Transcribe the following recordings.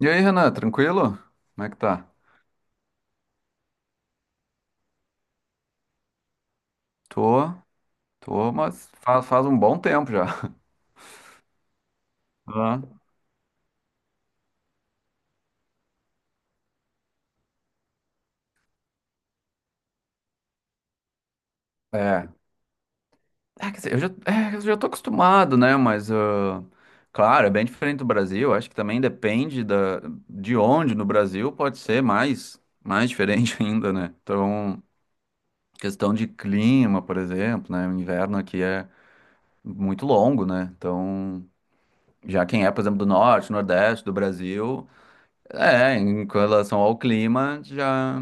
E aí, Renan, tranquilo? Como é que tá? Tô, tô, mas faz um bom tempo já. Ah, é. É, quer dizer, eu já tô acostumado, né? Mas, ah, claro, é bem diferente do Brasil. Acho que também depende de onde no Brasil pode ser mais diferente ainda, né? Então, questão de clima, por exemplo, né? O inverno aqui é muito longo, né? Então, já quem é, por exemplo, do norte, nordeste do Brasil. É, em relação ao clima, já.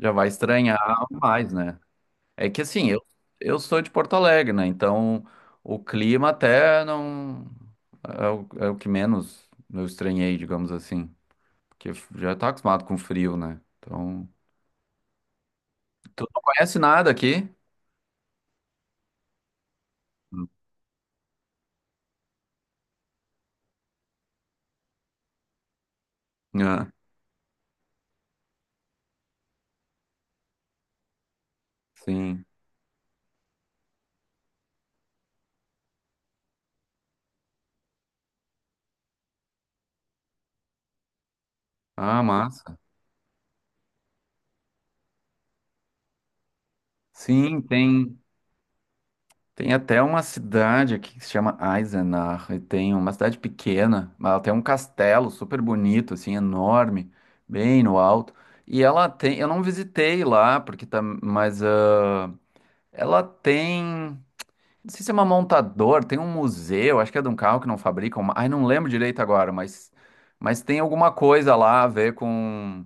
Já Vai estranhar mais, né? É que assim, eu sou de Porto Alegre, né? Então o clima até não é o que menos eu estranhei, digamos assim. Porque já tá acostumado com frio, né? Então. Tu não conhece nada aqui? Ah, sim. Ah, massa. Sim, tem. Tem até uma cidade aqui que se chama Eisenach, e tem uma cidade pequena, mas ela tem um castelo super bonito, assim, enorme, bem no alto. E ela tem, eu não visitei lá, porque tá, mas ah, ela tem, não sei se é uma montadora, tem um museu, acho que é de um carro que não fabricam, ai, não lembro direito agora, mas tem alguma coisa lá a ver com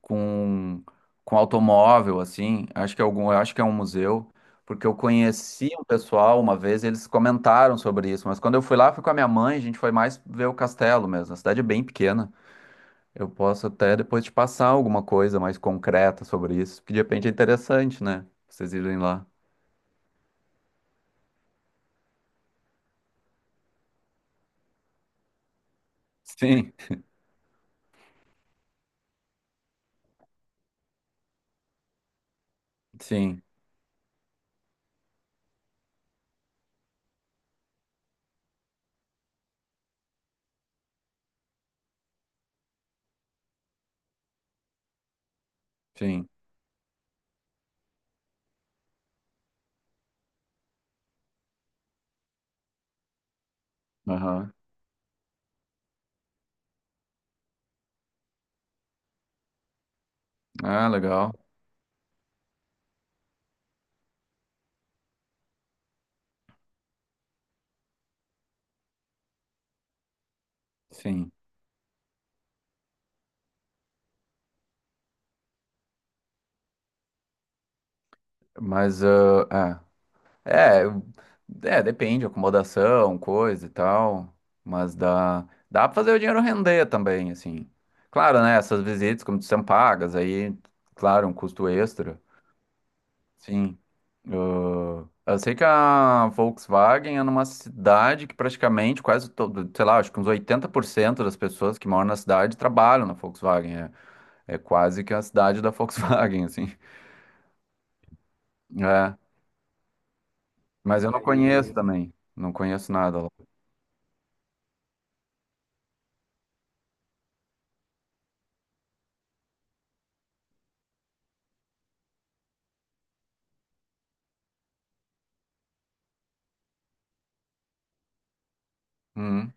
com, com automóvel, assim. Acho que é um museu, porque eu conheci um pessoal uma vez, eles comentaram sobre isso, mas quando eu fui lá, fui com a minha mãe, a gente foi mais ver o castelo mesmo. A cidade é bem pequena. Eu posso até depois te passar alguma coisa mais concreta sobre isso, que de repente é interessante, né? Vocês irem lá. Sim, sim, sim. Aham. Ah, legal. Sim. Mas, ah, é. É, é, depende, acomodação, coisa e tal, mas dá pra fazer o dinheiro render também, assim. Claro, né, essas visitas, como são pagas, aí, claro, um custo extra, sim. Ah, eu sei que a Volkswagen é numa cidade que praticamente quase todo, sei lá, acho que uns 80% das pessoas que moram na cidade trabalham na Volkswagen, é quase que a cidade da Volkswagen, assim. É, mas eu não conheço também, não conheço nada lá. Uhum.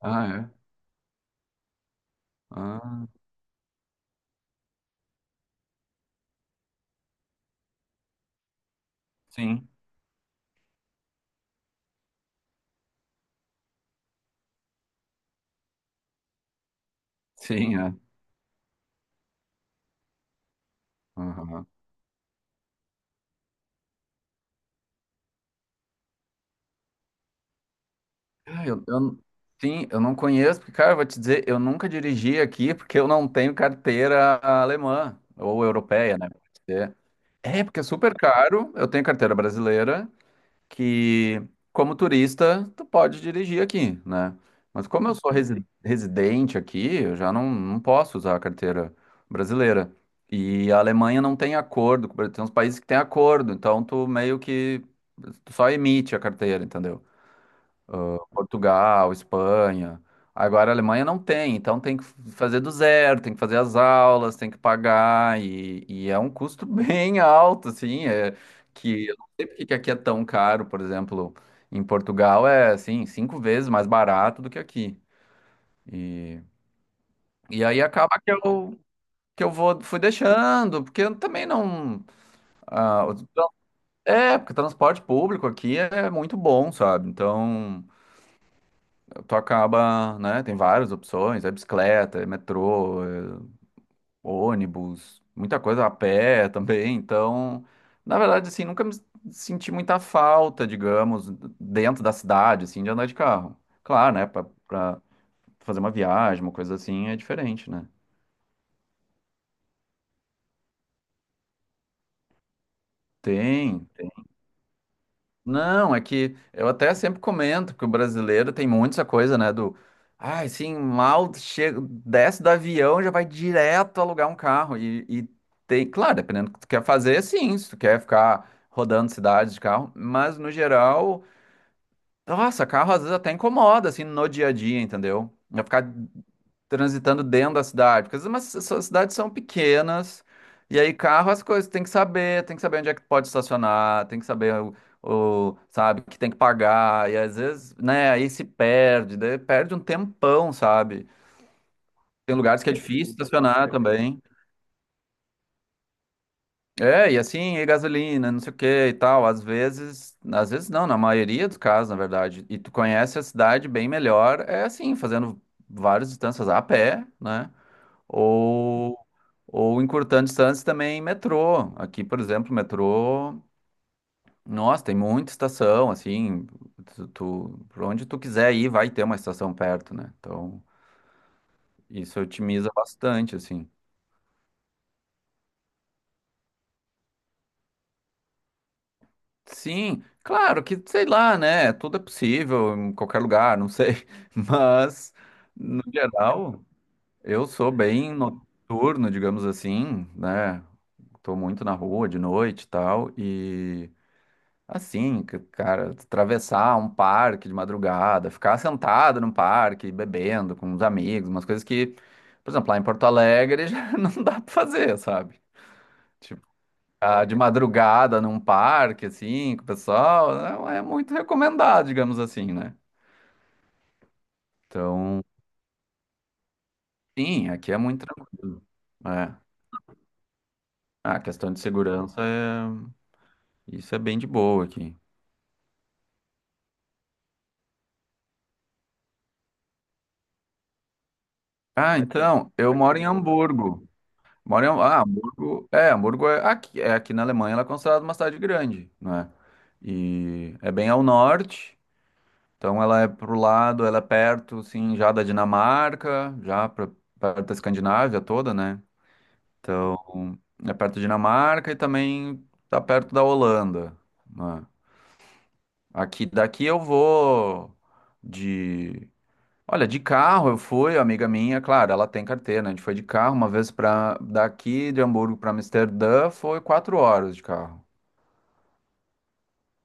Ah, é? Ah, sim, sim, é. Aham. Ah, sim, eu não conheço, porque, cara, eu vou te dizer, eu nunca dirigi aqui porque eu não tenho carteira alemã ou europeia, né? Pode ser. É, porque é super caro, eu tenho carteira brasileira que, como turista, tu pode dirigir aqui, né? Mas como eu sou residente aqui, eu já não posso usar a carteira brasileira. E a Alemanha não tem acordo, com tem uns países que têm acordo, então tu meio que tu só emite a carteira, entendeu? Portugal, Espanha. Agora a Alemanha não tem, então tem que fazer do zero, tem que fazer as aulas, tem que pagar, e é um custo bem alto, assim, é que eu não sei porque que aqui é tão caro, por exemplo, em Portugal é, assim, cinco vezes mais barato do que aqui. E, e aí acaba que eu vou, fui deixando, porque eu também não... ah, é, porque transporte público aqui é muito bom, sabe? Então, tu acaba, né? Tem várias opções, é bicicleta, é metrô, é ônibus, muita coisa a pé também. Então, na verdade, assim, nunca me senti muita falta, digamos, dentro da cidade, assim, de andar de carro. Claro, né? Pra fazer uma viagem, uma coisa assim, é diferente, né? Tem. Não, é que eu até sempre comento que o brasileiro tem muito essa coisa, né, ai, sim, mal chega, desce do avião, já vai direto alugar um carro e tem, claro, dependendo do que tu quer fazer, sim, se tu quer ficar rodando cidades de carro, mas no geral nossa, carro às vezes até incomoda, assim, no dia a dia, entendeu? Vai ficar transitando dentro da cidade, porque às vezes as cidades são pequenas, e aí carro as coisas, tem que saber onde é que pode estacionar, tem que saber o, sabe, que tem que pagar, e às vezes, né, aí se perde, daí perde um tempão, sabe? Tem lugares que é difícil estacionar também. É, e assim, e gasolina, não sei o que e tal. Às vezes não, na maioria dos casos, na verdade. E tu conhece a cidade bem melhor, é assim, fazendo várias distâncias a pé, né? Ou, ou encurtando distâncias também em metrô. Aqui, por exemplo, metrô, nossa, tem muita estação, assim, tu, pra onde tu quiser ir, vai ter uma estação perto, né? Então, isso otimiza bastante, assim. Sim, claro que, sei lá, né? Tudo é possível em qualquer lugar, não sei. Mas, no geral, eu sou bem noturno, digamos assim, né? Tô muito na rua de noite e tal. E, assim, cara, atravessar um parque de madrugada, ficar sentado num parque, bebendo com os amigos, umas coisas que, por exemplo, lá em Porto Alegre já não dá pra fazer, sabe? Ah, de madrugada num parque, assim, com o pessoal, não é muito recomendado, digamos assim, né? Então, sim, aqui é muito tranquilo. É. Ah, a questão de segurança é... Isso é bem de boa aqui. Ah, então, eu moro em Hamburgo. É, Hamburgo é aqui na Alemanha, ela é considerada uma cidade grande, né? E é bem ao norte, então ela é pro lado, ela é perto, assim, já da Dinamarca, já pra, perto da Escandinávia toda, né? Então, é perto da Dinamarca e também tá perto da Holanda, né? Aqui daqui eu vou de, olha, de carro eu fui, amiga minha, claro, ela tem carteira, né? A gente foi de carro uma vez para daqui de Hamburgo para Amsterdã, foi 4 horas de carro.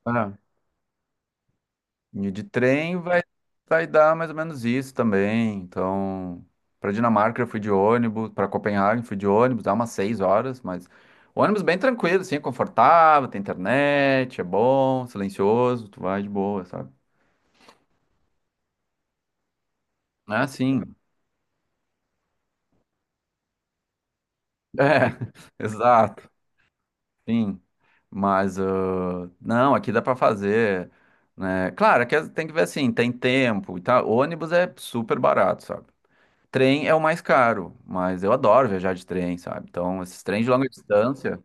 É. E de trem vai dar mais ou menos isso também. Então, para Dinamarca eu fui de ônibus, para Copenhague fui de ônibus, dá umas 6 horas, mas ônibus bem tranquilo, assim, é confortável, tem internet, é bom, silencioso, tu vai de boa, sabe? Ah, sim. É, exato. Sim. Mas ah, não, aqui dá para fazer, né? Claro, aqui tem que ver assim, tem tempo e tal. Ônibus é super barato, sabe? Trem é o mais caro, mas eu adoro viajar de trem, sabe? Então, esses trens de longa distância.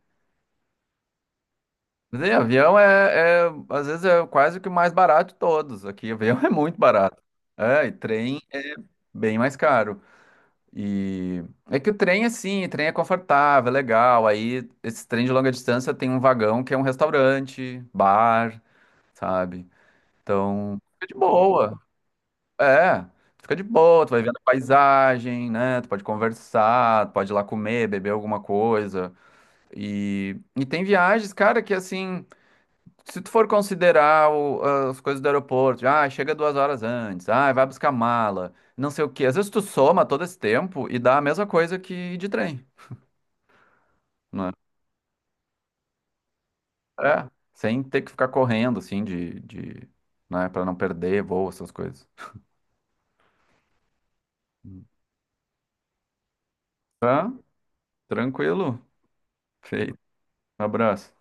Mas aí, avião é, às vezes, é quase que o mais barato de todos. Aqui, avião é muito barato. É, e trem é bem mais caro. E é que o trem, assim, o trem é confortável, é legal. Aí, esse trem de longa distância tem um vagão que é um restaurante, bar, sabe? Então, fica de boa. É, tu fica de boa, tu vai vendo a paisagem, né? Tu pode conversar, tu pode ir lá comer, beber alguma coisa. E tem viagens, cara, que assim, se tu for considerar ah, as coisas do aeroporto, ah, chega 2 horas antes, ah, vai buscar mala, não sei o quê. Às vezes tu soma todo esse tempo e dá a mesma coisa que de trem, né? É, sem ter que ficar correndo, assim, de, né, pra não perder voo, essas coisas. Tá? Tranquilo. Feito. Um abraço.